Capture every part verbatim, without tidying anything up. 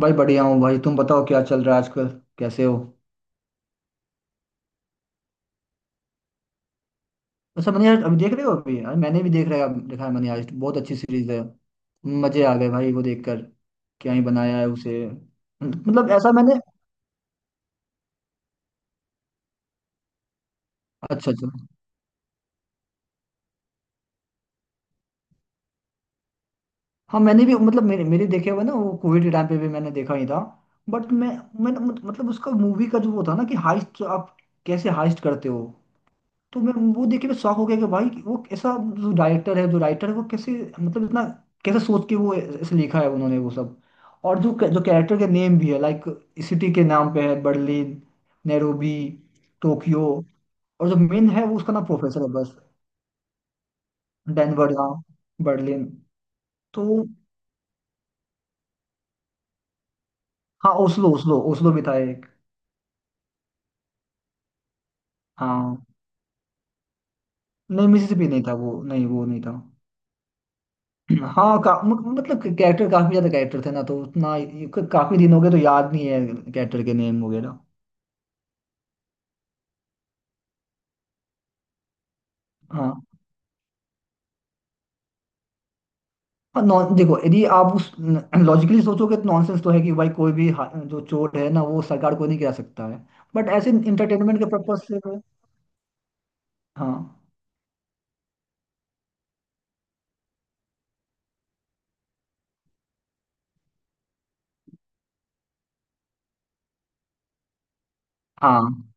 भाई बढ़िया हूँ भाई। तुम बताओ क्या चल रहा है आजकल, कैसे हो? अच्छा मैंने यार, अभी देख रहे हो? अभी यार मैंने भी देख रहा देखा है मैंने। आज बहुत अच्छी सीरीज है। मजे आ गए भाई वो देखकर। क्या ही बनाया है उसे! मतलब ऐसा मैंने। अच्छा अच्छा। हाँ मैंने भी, मतलब मेरे मेरे देखे हुए ना वो, कोविड के टाइम पे भी मैंने देखा ही था। बट मैं, मैंने मत- मतलब उसका मूवी का जो वो था ना कि हाइस्ट आप कैसे हाइस्ट करते हो। तो मैं वो देख के मैं शॉक हो गया कि भाई कि वो ऐसा, जो राइटर है जो राइटर है वो कैसे, मतलब इतना कैसे सोच के वो ऐसे लिखा है उन्होंने वो सब। और जो जो कैरेक्टर के नेम भी है लाइक, सिटी के नाम पे है बर्लिन, नैरोबी, टोक्यो। और जो मेन है वो उसका नाम प्रोफेसर है बस। डेनवर हाँ। बर्लिन। तो हाँ, ओस्लो, ओस्लो ओस्लो भी था एक। हाँ नहीं, मिसिसिपी नहीं था। वो नहीं वो नहीं था। हाँ का, म- मतलब कैरेक्टर, काफी ज्यादा कैरेक्टर थे ना तो उतना काफी दिन हो गए तो याद नहीं है कैरेक्टर के नेम वगैरह। हाँ। और नॉन देखो, यदि आप उस लॉजिकली सोचोगे तो नॉनसेंस तो है कि भाई कोई भी हा- जो चोर है ना वो सरकार को नहीं गिरा सकता है। बट ऐसे इंटरटेनमेंट के पर्पज से वो-। हाँ। हाँ।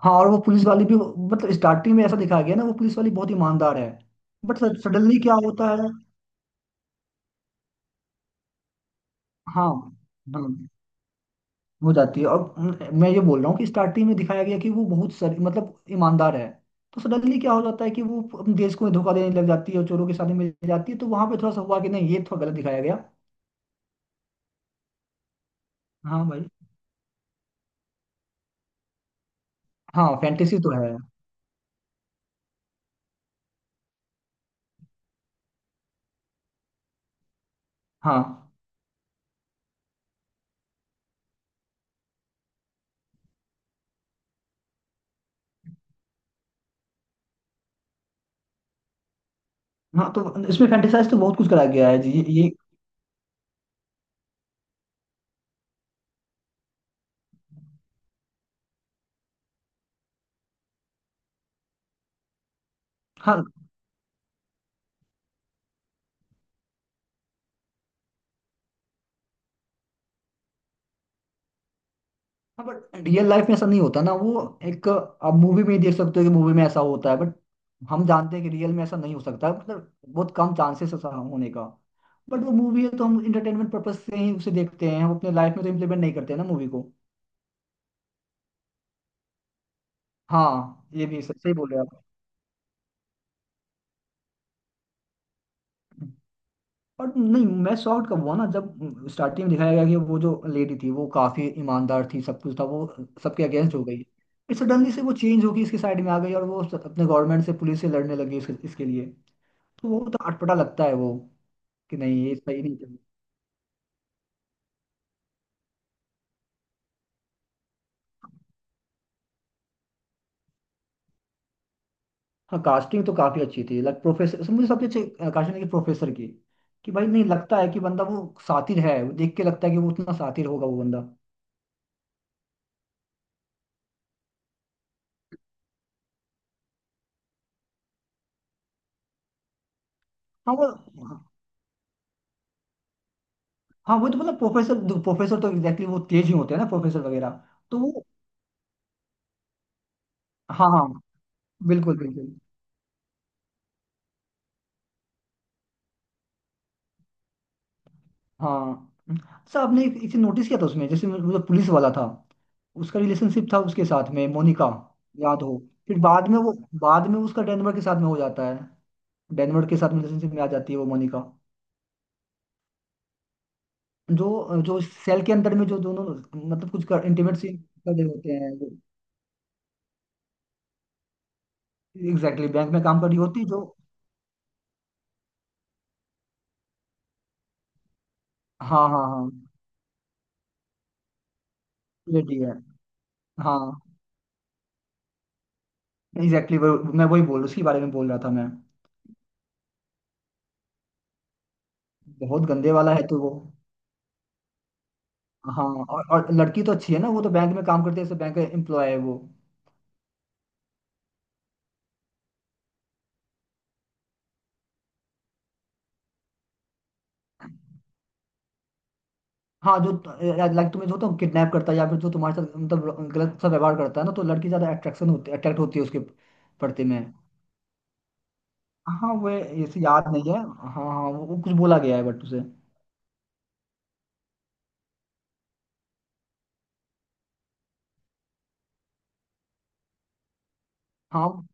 हाँ। और वो पुलिस वाली भी, मतलब स्टार्टिंग में ऐसा दिखाया गया ना वो पुलिस वाली बहुत ईमानदार है। बट सडनली क्या होता है? हाँ। हाँ। हो जाती है। और म- मैं ये बोल रहा हूँ कि स्टार्टिंग में दिखाया गया कि वो बहुत सर मतलब ईमानदार है। तो सडनली क्या हो जाता है कि वो अपने देश को धोखा देने लग जाती है और चोरों के साथ मिल जाती है। तो वहां पे थोड़ा सा हुआ कि नहीं ये थोड़ा गलत दिखाया गया। हाँ भाई। हाँ फैंटेसी तो है। हाँ। हाँ, तो इसमें फैंटेसाइज तो बहुत कुछ कराया गया है जी, ये ये-। हाँ। हाँ, बट रियल लाइफ में ऐसा नहीं होता ना वो। एक आप मूवी में ही देख सकते हो कि मूवी में ऐसा होता है। बट हम जानते हैं कि रियल में ऐसा नहीं हो सकता, मतलब बहुत कम चांसेस ऐसा होने का। बट वो मूवी है तो हम इंटरटेनमेंट पर्पज से ही उसे देखते हैं। हम अपने लाइफ में तो इम्प्लीमेंट नहीं करते हैं ना मूवी को। हाँ ये भी सही सही बोल रहे हो आप। और नहीं मैं शॉर्ट कब हुआ ना, जब स्टार्टिंग में दिखाया गया कि वो जो लेडी थी वो काफी ईमानदार थी, सब कुछ था वो। सबके अगेंस्ट हो गई। सडनली से वो चेंज होगी, इसके साइड में आ गई और वो अपने गवर्नमेंट से, पुलिस से लड़ने लगी इसके, इसके लिए। तो वो तो अटपटा लगता है वो, कि नहीं ये सही नहीं था। हाँ कास्टिंग तो काफी अच्छी थी, लाइक प्रोफेसर मुझे सबसे अच्छी कास्टिंग लगी प्रोफेसर की। कि भाई नहीं लगता है कि बंदा वो सातिर है। वो देख के लगता है कि वो उतना सातिर होगा वो बंदा। हाँ वो। हाँ। हाँ, वो तो मतलब प्रोफेसर, प्रोफेसर तो एग्जैक्टली वो तेज ही होते हैं ना प्रोफेसर वगैरह। तो वो। हाँ हाँ। बिल्कुल बिल्कुल। हाँ अच्छा आपने एक एक चीज नोटिस किया था उसमें, जैसे मतलब पुलिस वाला था, उसका रिलेशनशिप था उसके साथ में, मोनिका। याद हो? फिर बाद में वो, बाद में उसका डेनवर के साथ में हो जाता है। डेनवर के साथ रिलेशनशिप में आ जाती है वो मोनिका। जो जो सेल के अंदर में जो दोनों मतलब कुछ कर इंटीमेट सीन कर रहे होते हैं। एग्जैक्टली बैंक में काम कर रही होती है जो। हाँ हाँ हाँ। लेडी है। हाँ। एग्जैक्टली exactly, मैं वही बोल, उसके बारे में बोल रहा था मैं। बहुत गंदे वाला है तो वो। हाँ। और, और लड़की तो अच्छी है ना, वो तो बैंक में काम करती है, बैंक एम्प्लॉय है वो। हाँ जो, लाइक तुम्हें जो तो किडनैप करता है या फिर जो तुम्हारे साथ मतलब गलत सा व्यवहार करता है ना, तो लड़की ज्यादा अट्रैक्शन होती अट्रैक्ट होती है उसके प्रति में। हाँ वो ऐसे याद नहीं है। हाँ हाँ, वो वो कुछ बोला गया है बट उसे। हाँ।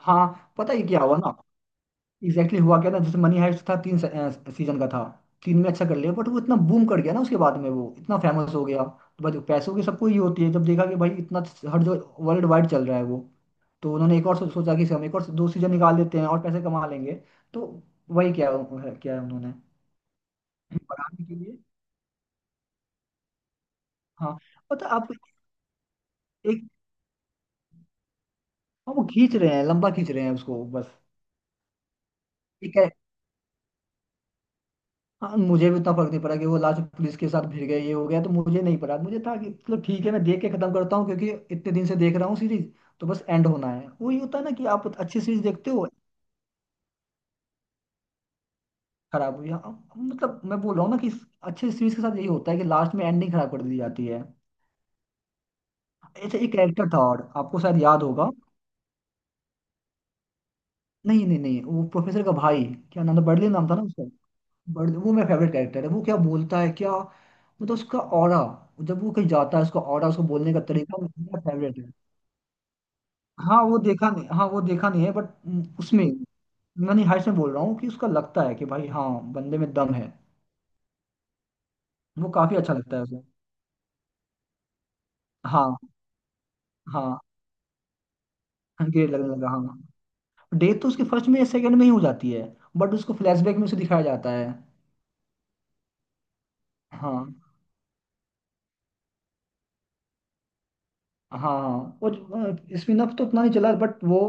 हाँ पता है क्या हुआ ना। एग्जैक्टली हुआ क्या था जैसे, मनी हाइस्ट था तीन सीजन का था। तीन में अच्छा कर लिया। बट वो इतना बूम कर गया ना, उसके बाद में वो इतना फेमस हो गया तो भाई पैसों की सबको ही होती है। जब देखा कि भाई इतना हर जो वर्ल्ड वाइड चल रहा है वो, तो उन्होंने एक और सो- सोचा कि इसे हम एक और दो सीजन निकाल देते हैं और पैसे कमा लेंगे। तो वही क्या, क्या है उन्होंने, बढ़ाने के लिए। हाँ पता आप। एक। हाँ, वो खींच रहे हैं, लंबा खींच रहे हैं उसको बस। हाँ मुझे भी उतना फर्क नहीं पड़ा कि वो लास्ट पुलिस के साथ भिड़ गए ये हो गया, तो मुझे नहीं पड़ा। मुझे था कि चलो ठीक है मैं देख के खत्म करता हूँ, क्योंकि इतने दिन से देख रहा हूँ सीरीज। तो बस एंड होना है, वही होता है ना कि आप अच्छी सीरीज देखते हो। खराब हुई हाँ, मतलब मैं बोल रहा हूँ ना कि अच्छे सीरीज के साथ यही होता है कि लास्ट में एंडिंग खराब कर दी जाती है। अच्छा एक कैरेक्टर था और आपको शायद याद होगा। नहीं नहीं नहीं, वो प्रोफेसर का भाई, क्या नाम था, बर्लिन नाम था ना उसका। बर्लिन वो मेरा फेवरेट कैरेक्टर है। वो क्या बोलता है, क्या मतलब उसका ऑरा, जब वो कहीं जाता है उसका ऑरा, उसको बोलने का तरीका मेरा फेवरेट है। हाँ वो देखा नहीं, हाँ वो देखा नहीं है। बट उसमें मैंने हाइट में बोल रहा हूँ कि उसका लगता है कि भाई हाँ बंदे में दम है। वो काफी अच्छा लगता है उसे। हाँ हाँ। ग्रेट लगने लगा हाँ। डेथ तो उसके फर्स्ट में या सेकंड में ही हो जाती है। बट उसको फ्लैशबैक में उसे दिखाया जाता है। हाँ हाँ हाँ। और स्पिन अप तो उतना नहीं चला बट वो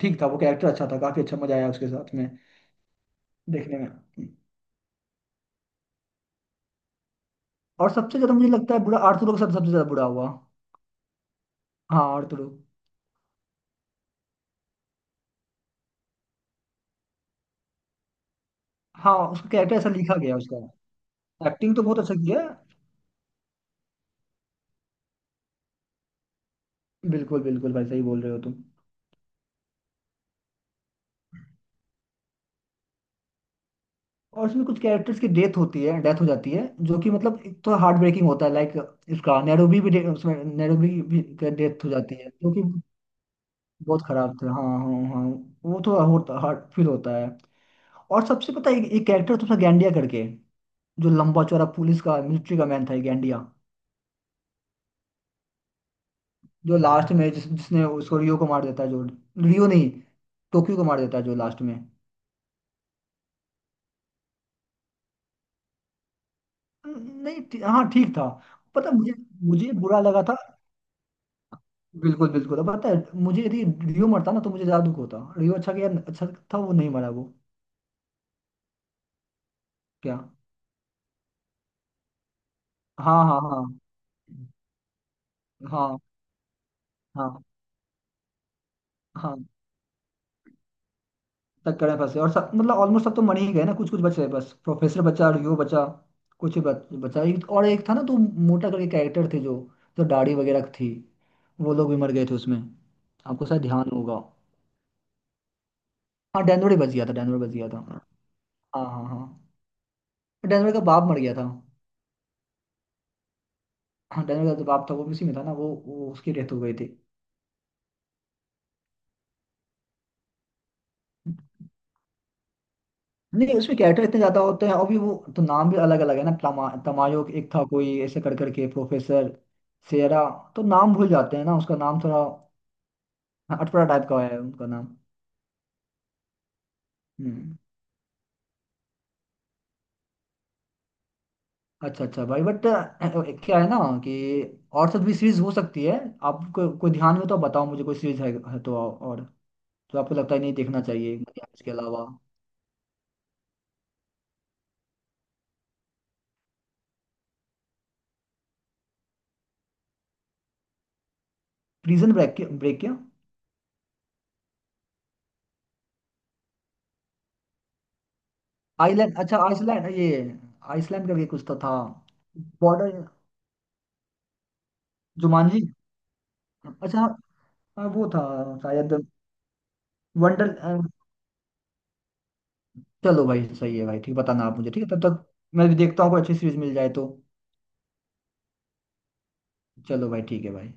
ठीक था। वो कैरेक्टर अच्छा था, काफी अच्छा मजा आया उसके साथ में देखने में। और सबसे ज्यादा मुझे लगता है बुरा आर्थुरो के साथ सबसे ज्यादा बुरा हुआ। हाँ आर्थुरो। हाँ उसका कैरेक्टर ऐसा लिखा गया उसका। एक्टिंग तो बहुत अच्छा किया है। बिल्कुल बिल्कुल भाई सही बोल रहे हो तुम। और इसमें कुछ कैरेक्टर्स की डेथ होती है, डेथ हो जाती है, जो कि मतलब एक तो हार्ट ब्रेकिंग होता है लाइक, इसका नैरोबी भी death- उसमें नैरोबी भी डेथ हो जाती है, जो कि बहुत खराब था। हाँ हाँ हाँ। वो थोड़ा होता हार्ट फील होता है। और सबसे पता है एक, एक कैरेक्टर था उसमें, गैंडिया करके, जो लंबा चौड़ा पुलिस का मिलिट्री का मैन था ये गैंडिया, जो लास्ट में जिस, जिसने उसको रियो को मार देता है। जो रियो नहीं, टोक्यो को मार देता है जो लास्ट में। नहीं ठी- हाँ ठीक था। पता है, मुझे, मुझे बुरा लगा था। बिल्कुल बिल्कुल। अब पता है मुझे, यदि रियो मरता ना तो मुझे ज्यादा दुख होता। रियो अच्छा किया, अच्छा था वो नहीं मरा वो। क्या। हाँ हाँ हाँ। हाँ हाँ हाँ। टक्कर में फंसे और सब मतलब ऑलमोस्ट सब तो मर ही गए ना, कुछ कुछ बचे, बस प्रोफेसर बचा, रियो बचा, कुछ ही बच, बचा। एक- और एक था ना तो, मोटा करके कैरेक्टर थे जो, जो दाढ़ी वगैरह थी, वो लोग भी मर गए थे उसमें। आपको शायद ध्यान होगा। हाँ डैनोरे बच गया था, डैनोरे बच गया था। हाँ हाँ हाँ। डेनवर का बाप मर गया था। हाँ डेनवर का जो बाप था वो भी उसी में था ना, वो, वो उसकी डेथ हो गई थी। नहीं उसमें कैरेक्टर इतने ज्यादा होते हैं और भी, वो तो नाम भी अलग अलग है ना, तमा, तमायो एक था कोई, ऐसे कर करके प्रोफेसर सेरा। तो नाम भूल जाते हैं ना, उसका नाम थोड़ा हाँ, अटपटा टाइप का है उनका नाम। हम्म। अच्छा अच्छा भाई, बट क्या है ना, कि और सब भी सीरीज हो सकती है। आपको कोई ध्यान में, तो आप बताओ मुझे, कोई सीरीज है, है तो और, जो आपको लगता है नहीं देखना चाहिए। इसके अलावा। प्रिजन ब्रेक, ब्रेक क्या। आइलैंड, अच्छा आइसलैंड, ये आइसलैंड करके कुछ तो था। बॉर्डर। जुमानजी। अच्छा हाँ, हाँ, वो था शायद। वंडर। चलो भाई सही है भाई, ठीक बताना आप मुझे ठीक है, तब तक मैं भी देखता हूँ कोई अच्छी सीरीज मिल जाए तो। चलो भाई ठीक है भाई।